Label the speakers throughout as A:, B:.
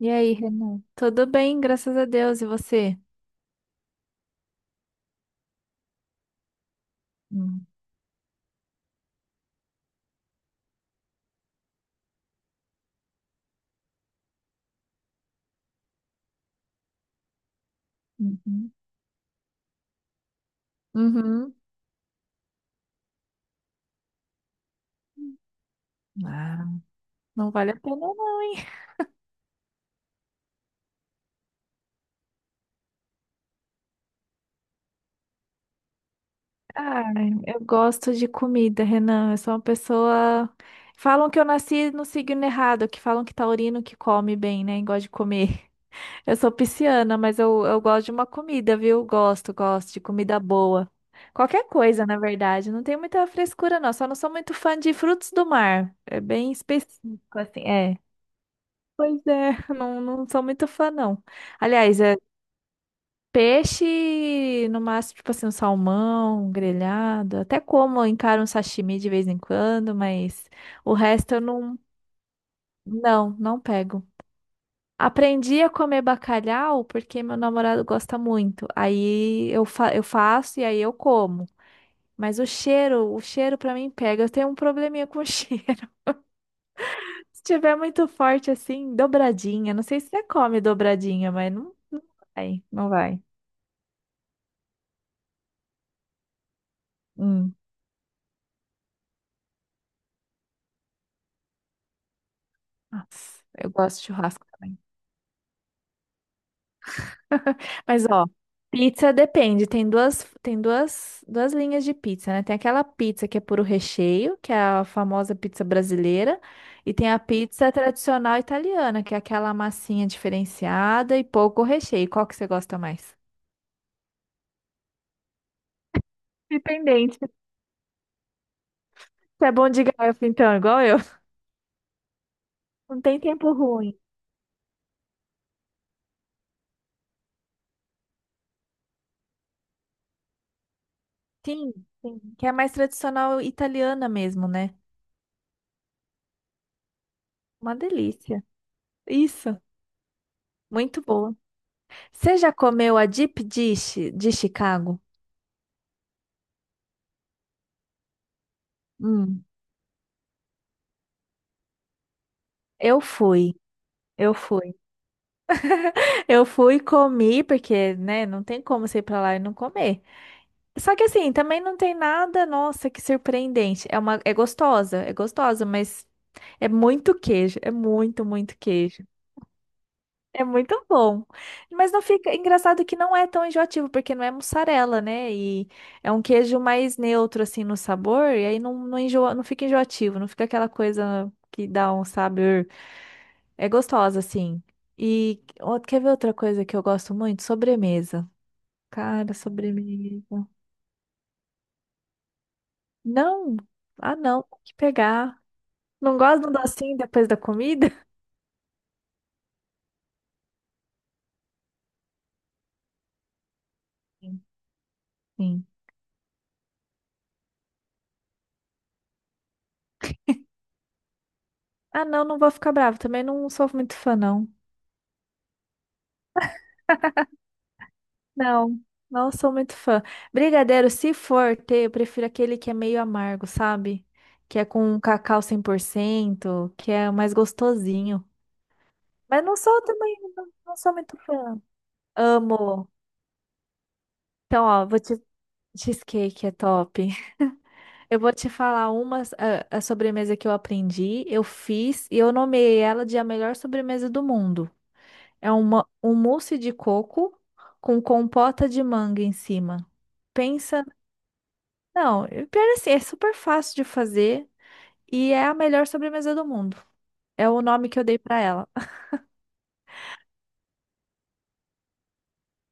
A: E aí, Renan? Tudo bem, graças a Deus. E você? Hum. Uhum. Uhum. Ah, não vale a pena não, hein? Ah, eu gosto de comida, Renan. Eu sou uma pessoa. Falam que eu nasci no signo errado, que falam que taurino que come bem, né? E gosta de comer. Eu sou pisciana, mas eu gosto de uma comida, viu? Gosto de comida boa. Qualquer coisa, na verdade. Não tem muita frescura, não. Só não sou muito fã de frutos do mar. É bem específico, assim. É. Pois é, não, não sou muito fã, não. Aliás, é peixe, no máximo, tipo assim, um salmão, um grelhado. Até como, eu encaro um sashimi de vez em quando, mas o resto eu não, não, não pego. Aprendi a comer bacalhau porque meu namorado gosta muito. Aí eu faço e aí eu como. Mas o cheiro pra mim pega. Eu tenho um probleminha com cheiro. Se tiver muito forte assim, dobradinha. Não sei se você come dobradinha, mas não, não vai, não vai. Hum, Nossa, eu gosto de churrasco também. Mas ó, pizza depende. Tem duas linhas de pizza, né? Tem aquela pizza que é puro recheio, que é a famosa pizza brasileira, e tem a pizza tradicional italiana, que é aquela massinha diferenciada e pouco recheio. Qual que você gosta mais? Dependente. Você é bom de garfo, então, igual eu. Não tem tempo ruim. Sim, sim. Que é mais tradicional italiana mesmo, né? Uma delícia. Isso, muito boa. Você já comeu a deep dish de Chicago? Hum, eu fui, eu fui. Eu fui, comi, porque, né, não tem como você ir pra lá e não comer. Só que assim, também não tem nada, nossa, que surpreendente. É gostosa, é gostosa, mas é muito queijo, é muito, muito queijo. É muito bom. Mas não fica. Engraçado que não é tão enjoativo, porque não é mussarela, né? E é um queijo mais neutro, assim, no sabor. E aí não, não enjoa, não fica enjoativo, não fica aquela coisa que dá um sabor. É gostosa, assim. E ó, quer ver outra coisa que eu gosto muito? Sobremesa. Cara, sobremesa. Não. Ah, não. Tem que pegar. Não gosto de um docinho depois da comida? Sim. Sim. Ah, não, não vou ficar bravo. Também não sou muito fã, não. Não, não sou muito fã. Brigadeiro, se for ter, eu prefiro aquele que é meio amargo, sabe? Que é com cacau 100%, que é mais gostosinho. Mas não sou também, não, não sou muito fã. Amo. Então, ó, vou te... Cheesecake é top. Eu vou te falar a sobremesa que eu aprendi, eu fiz e eu nomeei ela de a melhor sobremesa do mundo. É um mousse de coco com compota de manga em cima. Pensa. Não, e pior assim, é super fácil de fazer e é a melhor sobremesa do mundo. É o nome que eu dei pra ela.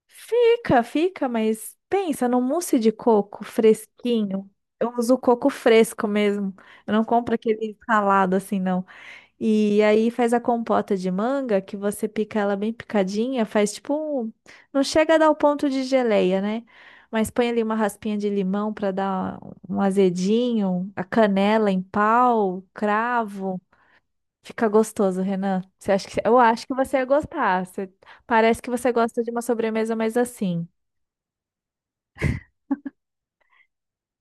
A: Fica, fica, mas pensa no mousse de coco fresquinho. Eu uso coco fresco mesmo. Eu não compro aquele ralado assim, não. E aí faz a compota de manga, que você pica ela bem picadinha, faz tipo um... Não chega a dar o ponto de geleia, né? Mas põe ali uma raspinha de limão para dar um azedinho, a canela em pau, cravo. Fica gostoso, Renan. Você acha que... Eu acho que você ia gostar. Você- Parece que você gosta de uma sobremesa mais assim.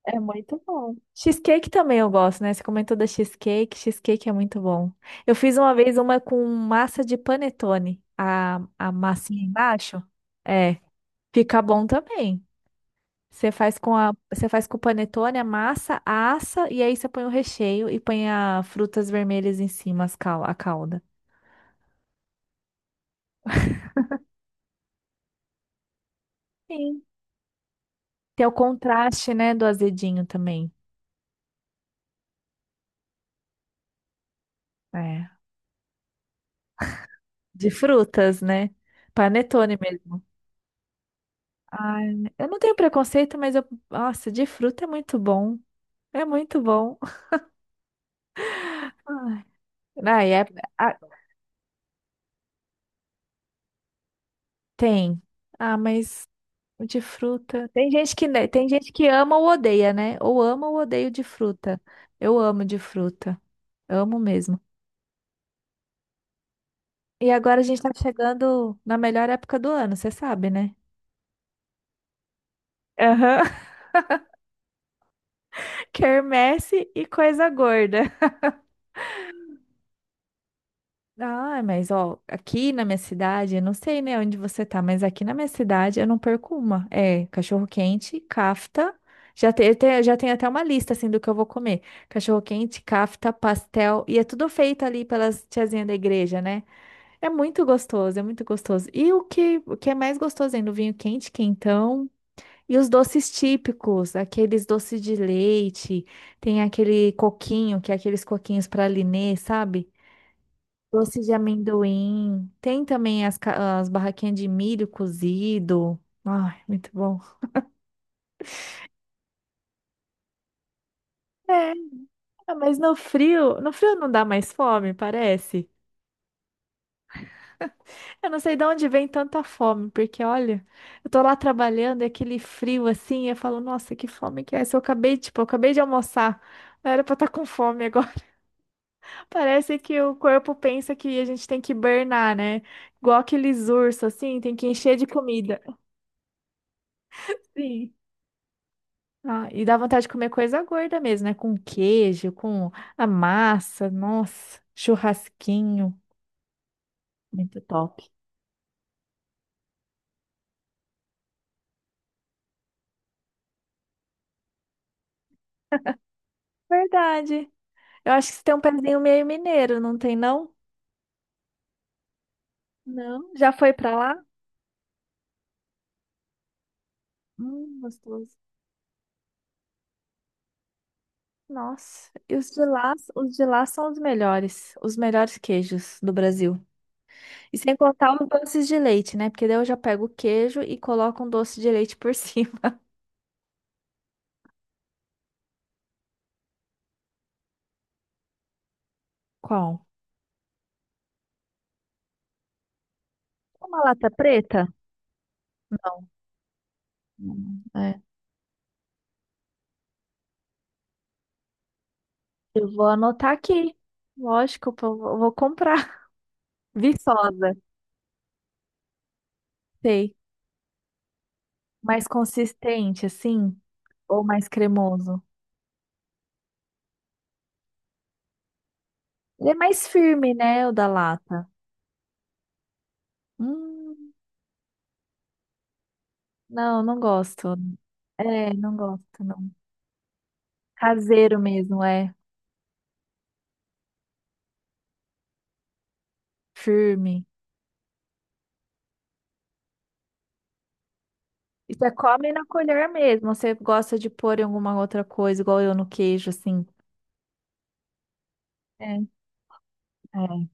A: É muito bom. Cheesecake também eu gosto, né? Você comentou da cheesecake. Cheesecake é muito bom. Eu fiz uma vez uma com massa de panetone. A massinha embaixo. É. Fica bom também. Você faz com o panetone, a massa, assa e aí você põe o recheio e põe as frutas vermelhas em cima, a calda. Sim. Tem o contraste, né, do azedinho também. É. De frutas, né? Panetone mesmo. Ai, eu não tenho preconceito, mas eu. Nossa, de fruta é muito bom. É muito bom. Ai, ai, é- ah, tem. Ah, mas o de fruta. Tem gente que, né, tem gente que ama ou odeia, né? Ou ama ou odeio de fruta. Eu amo de fruta. Amo mesmo. E agora a gente tá chegando na melhor época do ano, você sabe, né? Aham. Quermesse e coisa gorda. Ah, mas ó, aqui na minha cidade, eu não sei, né, onde você tá, mas aqui na minha cidade eu não perco uma. É, cachorro-quente, cafta. Já tem, já tem até uma lista assim do que eu vou comer. Cachorro-quente, cafta, pastel, e é tudo feito ali pelas tiazinhas da igreja, né? É muito gostoso, é muito gostoso. E o que é mais gostoso ainda, o vinho quente, quentão, e os doces típicos, aqueles doces de leite, tem aquele coquinho, que é aqueles coquinhos para Linê, sabe? Doce de amendoim. Tem também as barraquinhas de milho cozido. Ai, muito bom. É, ah, mas no frio não dá mais fome, parece. Eu não sei de onde vem tanta fome, porque olha, eu tô lá trabalhando, é aquele frio assim, e eu falo, nossa, que fome que é essa? Eu acabei, tipo, eu acabei de almoçar. Não era pra estar com fome agora. Parece que o corpo pensa que a gente tem que hibernar, né? Igual aqueles ursos, assim, tem que encher de comida. Sim. Ah, e dá vontade de comer coisa gorda mesmo, né? Com queijo, com a massa, nossa, churrasquinho, muito top. Verdade. Eu acho que você tem um pezinho meio mineiro, não tem não? Não. Já foi pra lá? Gostoso. Nossa, e os de lá são os melhores queijos do Brasil. E sem contar os doces de leite, né? Porque daí eu já pego o queijo e coloco um doce de leite por cima. Qual? Uma lata preta? Não. Não. Eu vou anotar aqui. Lógico, pô, eu vou comprar. Viçosa, sei. Mais consistente, assim? Ou mais cremoso? Ele é mais firme, né? O da lata. Hum, não, não gosto. É, não gosto, não. Caseiro mesmo, é. Firme. E você come na colher mesmo. Você gosta de pôr em alguma outra coisa, igual eu no queijo, assim. É. É.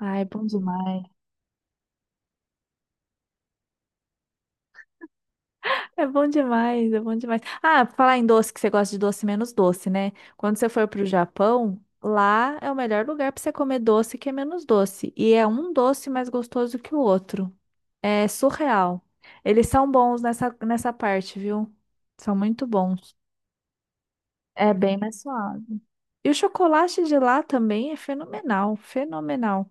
A: Ai, bom demais. É bom demais, é bom demais. Ah, pra falar em doce, que você gosta de doce menos doce, né? Quando você for pro Japão, lá é o melhor lugar pra você comer doce que é menos doce. E é um doce mais gostoso que o outro. É surreal. Eles são bons nessa parte, viu? São muito bons. É bem mais suave. E o chocolate de lá também é fenomenal, fenomenal.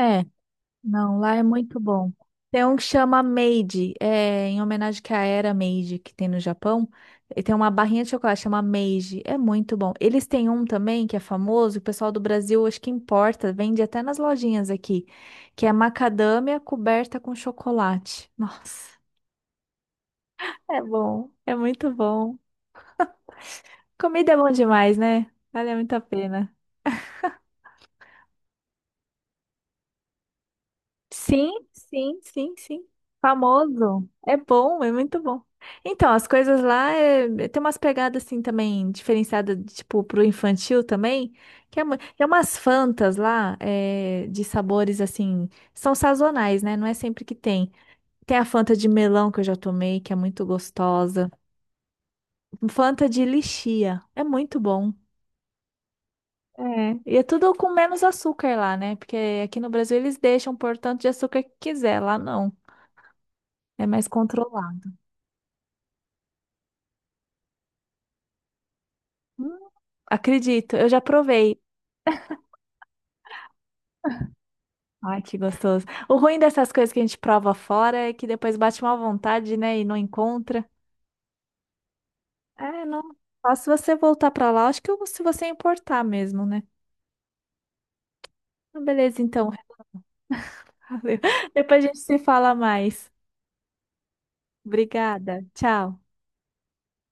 A: É. Não, lá é muito bom. Tem um que chama Made, é, em homenagem que à era Meiji que tem no Japão. E tem uma barrinha de chocolate chama Meiji, é muito bom. Eles têm um também que é famoso, o pessoal do Brasil acho que importa, vende até nas lojinhas aqui, que é macadâmia coberta com chocolate. Nossa, é bom, é muito bom. Comida é bom demais, né? Vale muito a pena. Sim, sim, sim, sim. Famoso. É bom, é muito bom. Então, as coisas lá é, tem umas pegadas assim também, diferenciadas, tipo, pro infantil também, que é, tem umas fantas lá é, de sabores assim, são sazonais, né? Não é sempre que tem. Tem a Fanta de melão que eu já tomei, que é muito gostosa. Fanta de lichia, é muito bom. É, e é tudo com menos açúcar lá, né? Porque aqui no Brasil eles deixam por tanto de açúcar que quiser, lá não. É mais controlado. Hum, acredito, eu já provei. Ai, que gostoso. O ruim dessas coisas que a gente prova fora é que depois bate uma vontade, né, e não encontra. É, não. Só se você voltar pra lá, acho que se você importar mesmo, né? Ah, beleza, então. Valeu. Depois a gente se fala mais. Obrigada. Tchau.